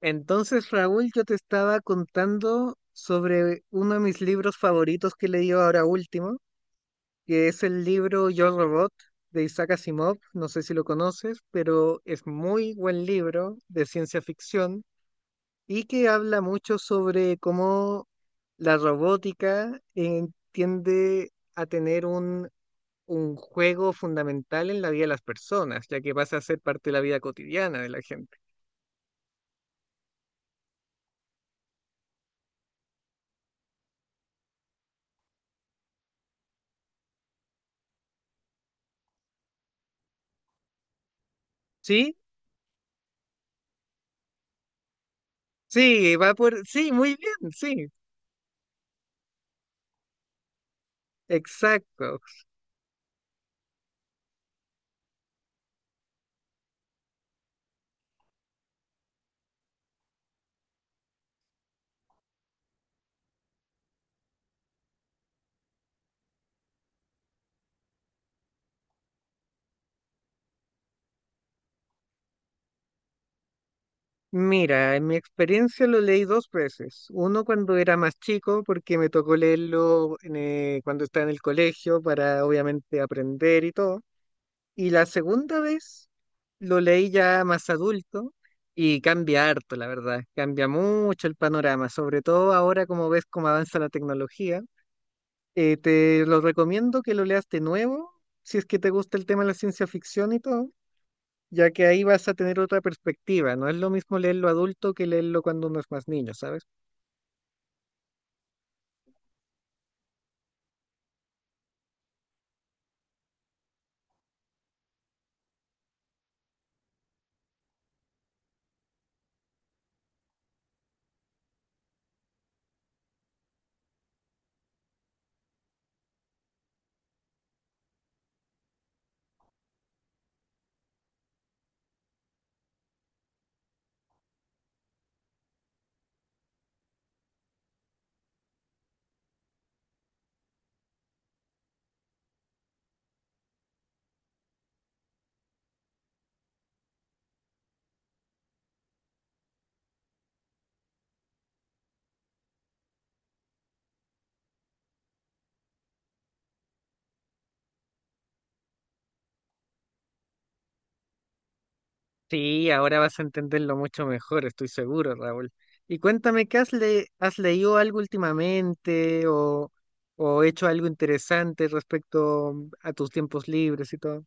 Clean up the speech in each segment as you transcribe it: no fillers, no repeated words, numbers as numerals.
Entonces, Raúl, yo te estaba contando sobre uno de mis libros favoritos que he leído ahora último, que es el libro Yo Robot de Isaac Asimov. No sé si lo conoces, pero es muy buen libro de ciencia ficción y que habla mucho sobre cómo la robótica tiende a tener un juego fundamental en la vida de las personas, ya que pasa a ser parte de la vida cotidiana de la gente. ¿Sí? Sí, va por... Sí, muy bien, sí. Exacto. Mira, en mi experiencia lo leí dos veces. Uno cuando era más chico, porque me tocó leerlo en, cuando estaba en el colegio para obviamente aprender y todo. Y la segunda vez lo leí ya más adulto y cambia harto, la verdad. Cambia mucho el panorama, sobre todo ahora como ves cómo avanza la tecnología. Te lo recomiendo que lo leas de nuevo, si es que te gusta el tema de la ciencia ficción y todo, ya que ahí vas a tener otra perspectiva. No es lo mismo leerlo adulto que leerlo cuando uno es más niño, ¿sabes? Sí, ahora vas a entenderlo mucho mejor, estoy seguro, Raúl. Y cuéntame, ¿qué has, le has leído algo últimamente o hecho algo interesante respecto a tus tiempos libres y todo?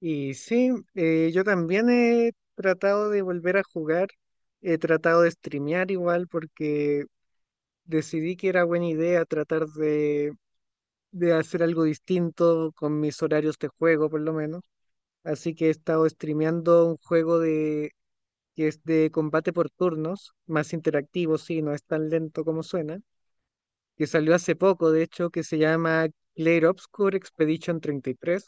Y sí, yo también he tratado de volver a jugar, he tratado de streamear igual porque decidí que era buena idea tratar de hacer algo distinto con mis horarios de juego, por lo menos. Así que he estado streameando un juego de, que es de combate por turnos, más interactivo, sí, no es tan lento como suena, que salió hace poco, de hecho, que se llama Clair Obscur Expedition 33.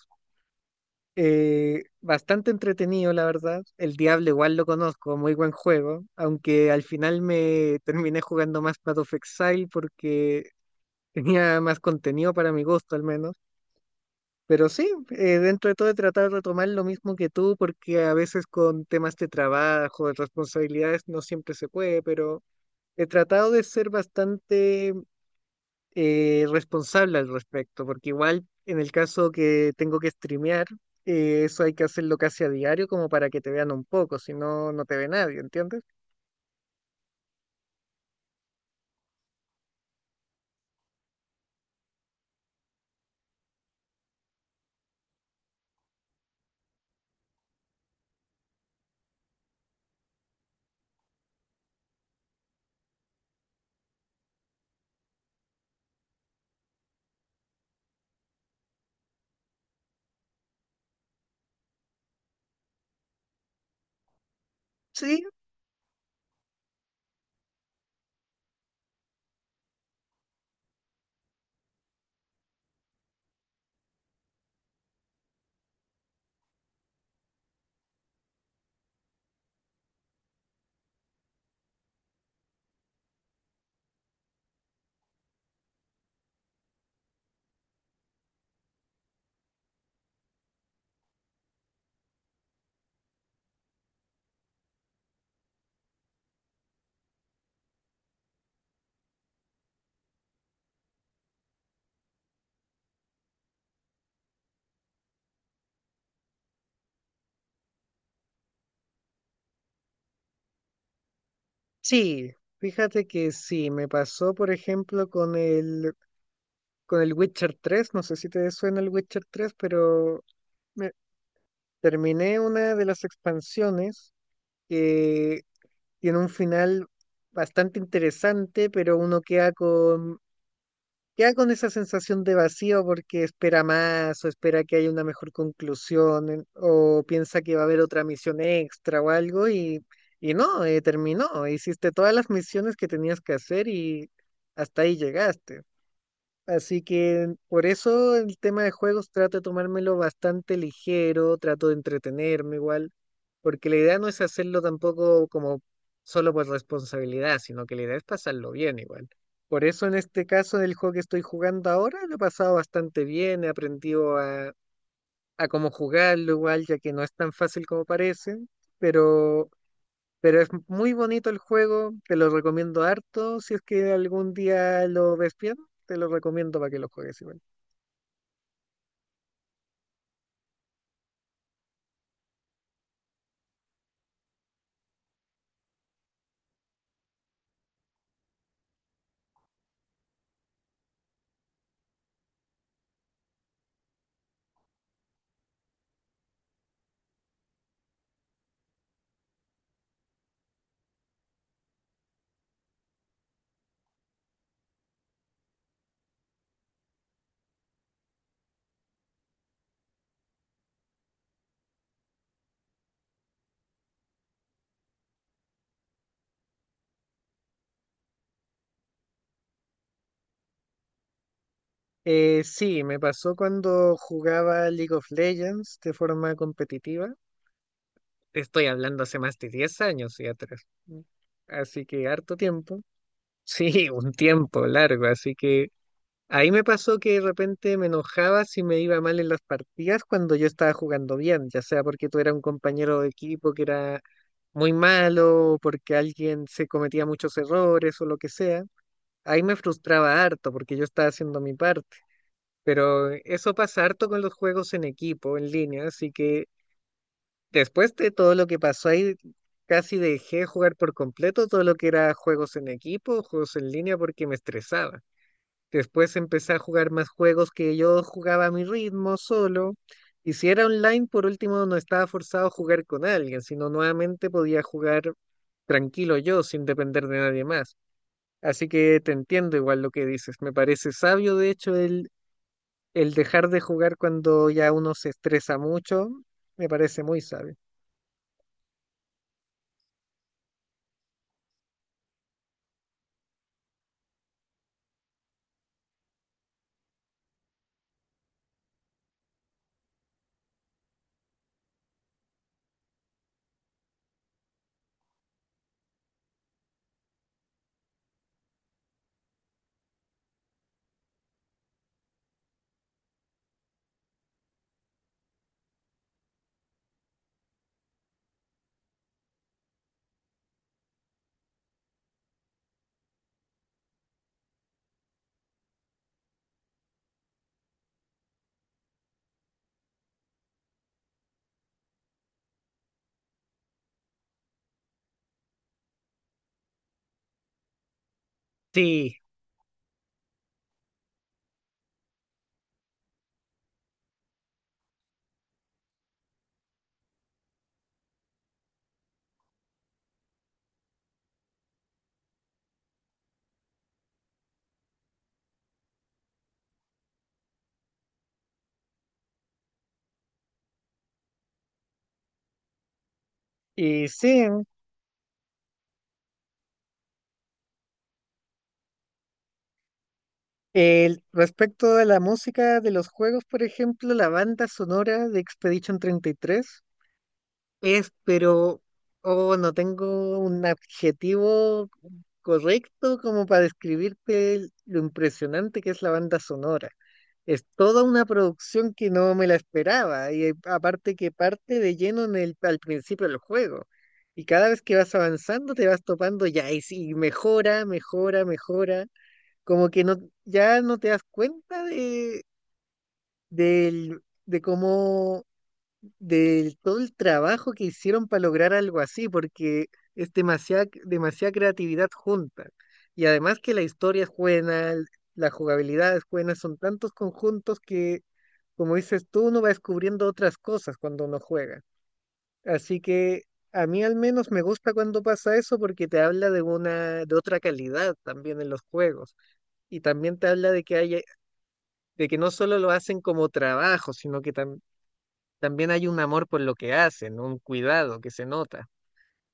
Bastante entretenido, la verdad. El Diablo igual lo conozco, muy buen juego, aunque al final me terminé jugando más Path of Exile porque tenía más contenido para mi gusto, al menos. Pero sí, dentro de todo he tratado de retomar lo mismo que tú, porque a veces con temas de trabajo, de responsabilidades, no siempre se puede, pero he tratado de ser bastante responsable al respecto, porque igual en el caso que tengo que streamear, eso hay que hacerlo casi a diario como para que te vean un poco, si no, no te ve nadie, ¿entiendes? Sí, sí. Fíjate que sí, me pasó, por ejemplo, con el Witcher tres, no sé si te suena el Witcher tres, pero... Me terminé una de las expansiones que tiene un final bastante interesante, pero uno queda con esa sensación de vacío porque espera más o espera que haya una mejor conclusión en- o piensa que va a haber otra misión extra o algo y no, terminó. Hiciste todas las misiones que tenías que hacer y hasta ahí llegaste. Así que por eso el tema de juegos trato de tomármelo bastante ligero, trato de entretenerme igual, porque la idea no es hacerlo tampoco como solo por responsabilidad, sino que la idea es pasarlo bien igual. Por eso en este caso del juego que estoy jugando ahora lo he pasado bastante bien, he aprendido a cómo jugarlo igual, ya que no es tan fácil como parece, pero, pero es muy bonito el juego, te lo recomiendo harto, si es que algún día lo ves bien, te lo recomiendo para que lo juegues igual. Sí, me pasó cuando jugaba League of Legends de forma competitiva. Te estoy hablando hace más de 10 años y atrás. Mm. Así que harto tiempo. Sí, un tiempo largo. Así que ahí me pasó que de repente me enojaba si me iba mal en las partidas cuando yo estaba jugando bien, ya sea porque tú eras un compañero de equipo que era muy malo, o porque alguien se cometía muchos errores o lo que sea. Ahí me frustraba harto porque yo estaba haciendo mi parte, pero eso pasa harto con los juegos en equipo, en línea, así que después de todo lo que pasó ahí, casi dejé jugar por completo todo lo que era juegos en equipo, juegos en línea, porque me estresaba. Después empecé a jugar más juegos que yo jugaba a mi ritmo, solo. Y si era online, por último, no estaba forzado a jugar con alguien, sino nuevamente podía jugar tranquilo yo, sin depender de nadie más. Así que te entiendo igual lo que dices. Me parece sabio, de hecho, el dejar de jugar cuando ya uno se estresa mucho, me parece muy sabio. Sí, y sí, el, respecto a la música de los juegos, por ejemplo, la banda sonora de Expedition 33 es, pero oh, no tengo un adjetivo correcto como para describirte el- lo impresionante que es la banda sonora. Es toda una producción que no me la esperaba y aparte que parte de lleno en el, al principio del juego. Y cada vez que vas avanzando te vas topando ya y sí, mejora, mejora, mejora. Como que no, ya no te das cuenta de, del- de cómo del todo el trabajo que hicieron para lograr algo así, porque es demasiada, demasiada creatividad junta. Y además que la historia es buena, l- la jugabilidad es buena, son tantos conjuntos que, como dices tú, uno va descubriendo otras cosas cuando uno juega. Así que a mí al menos me gusta cuando pasa eso porque te habla de una, de otra calidad también en los juegos. Y también te habla de que hay, de que no solo lo hacen como trabajo, sino que tam- también hay un amor por lo que hacen, un cuidado que se nota.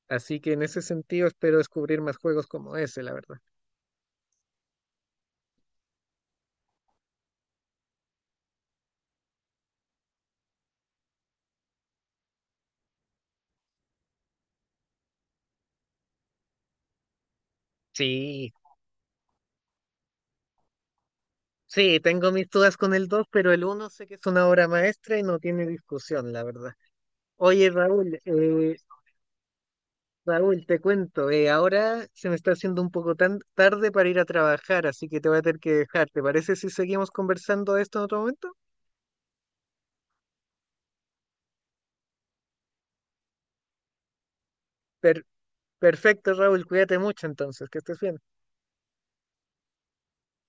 Así que en ese sentido espero descubrir más juegos como ese, la verdad. Sí, sí, tengo mis dudas con el dos, pero el uno sé que es una obra maestra y no tiene discusión, la verdad. Oye, Raúl, Raúl, te cuento, ahora se me está haciendo un poco tan tarde para ir a trabajar, así que te voy a tener que dejar. ¿Te parece si seguimos conversando de esto en otro momento? Per- perfecto, Raúl, cuídate mucho entonces, que estés bien.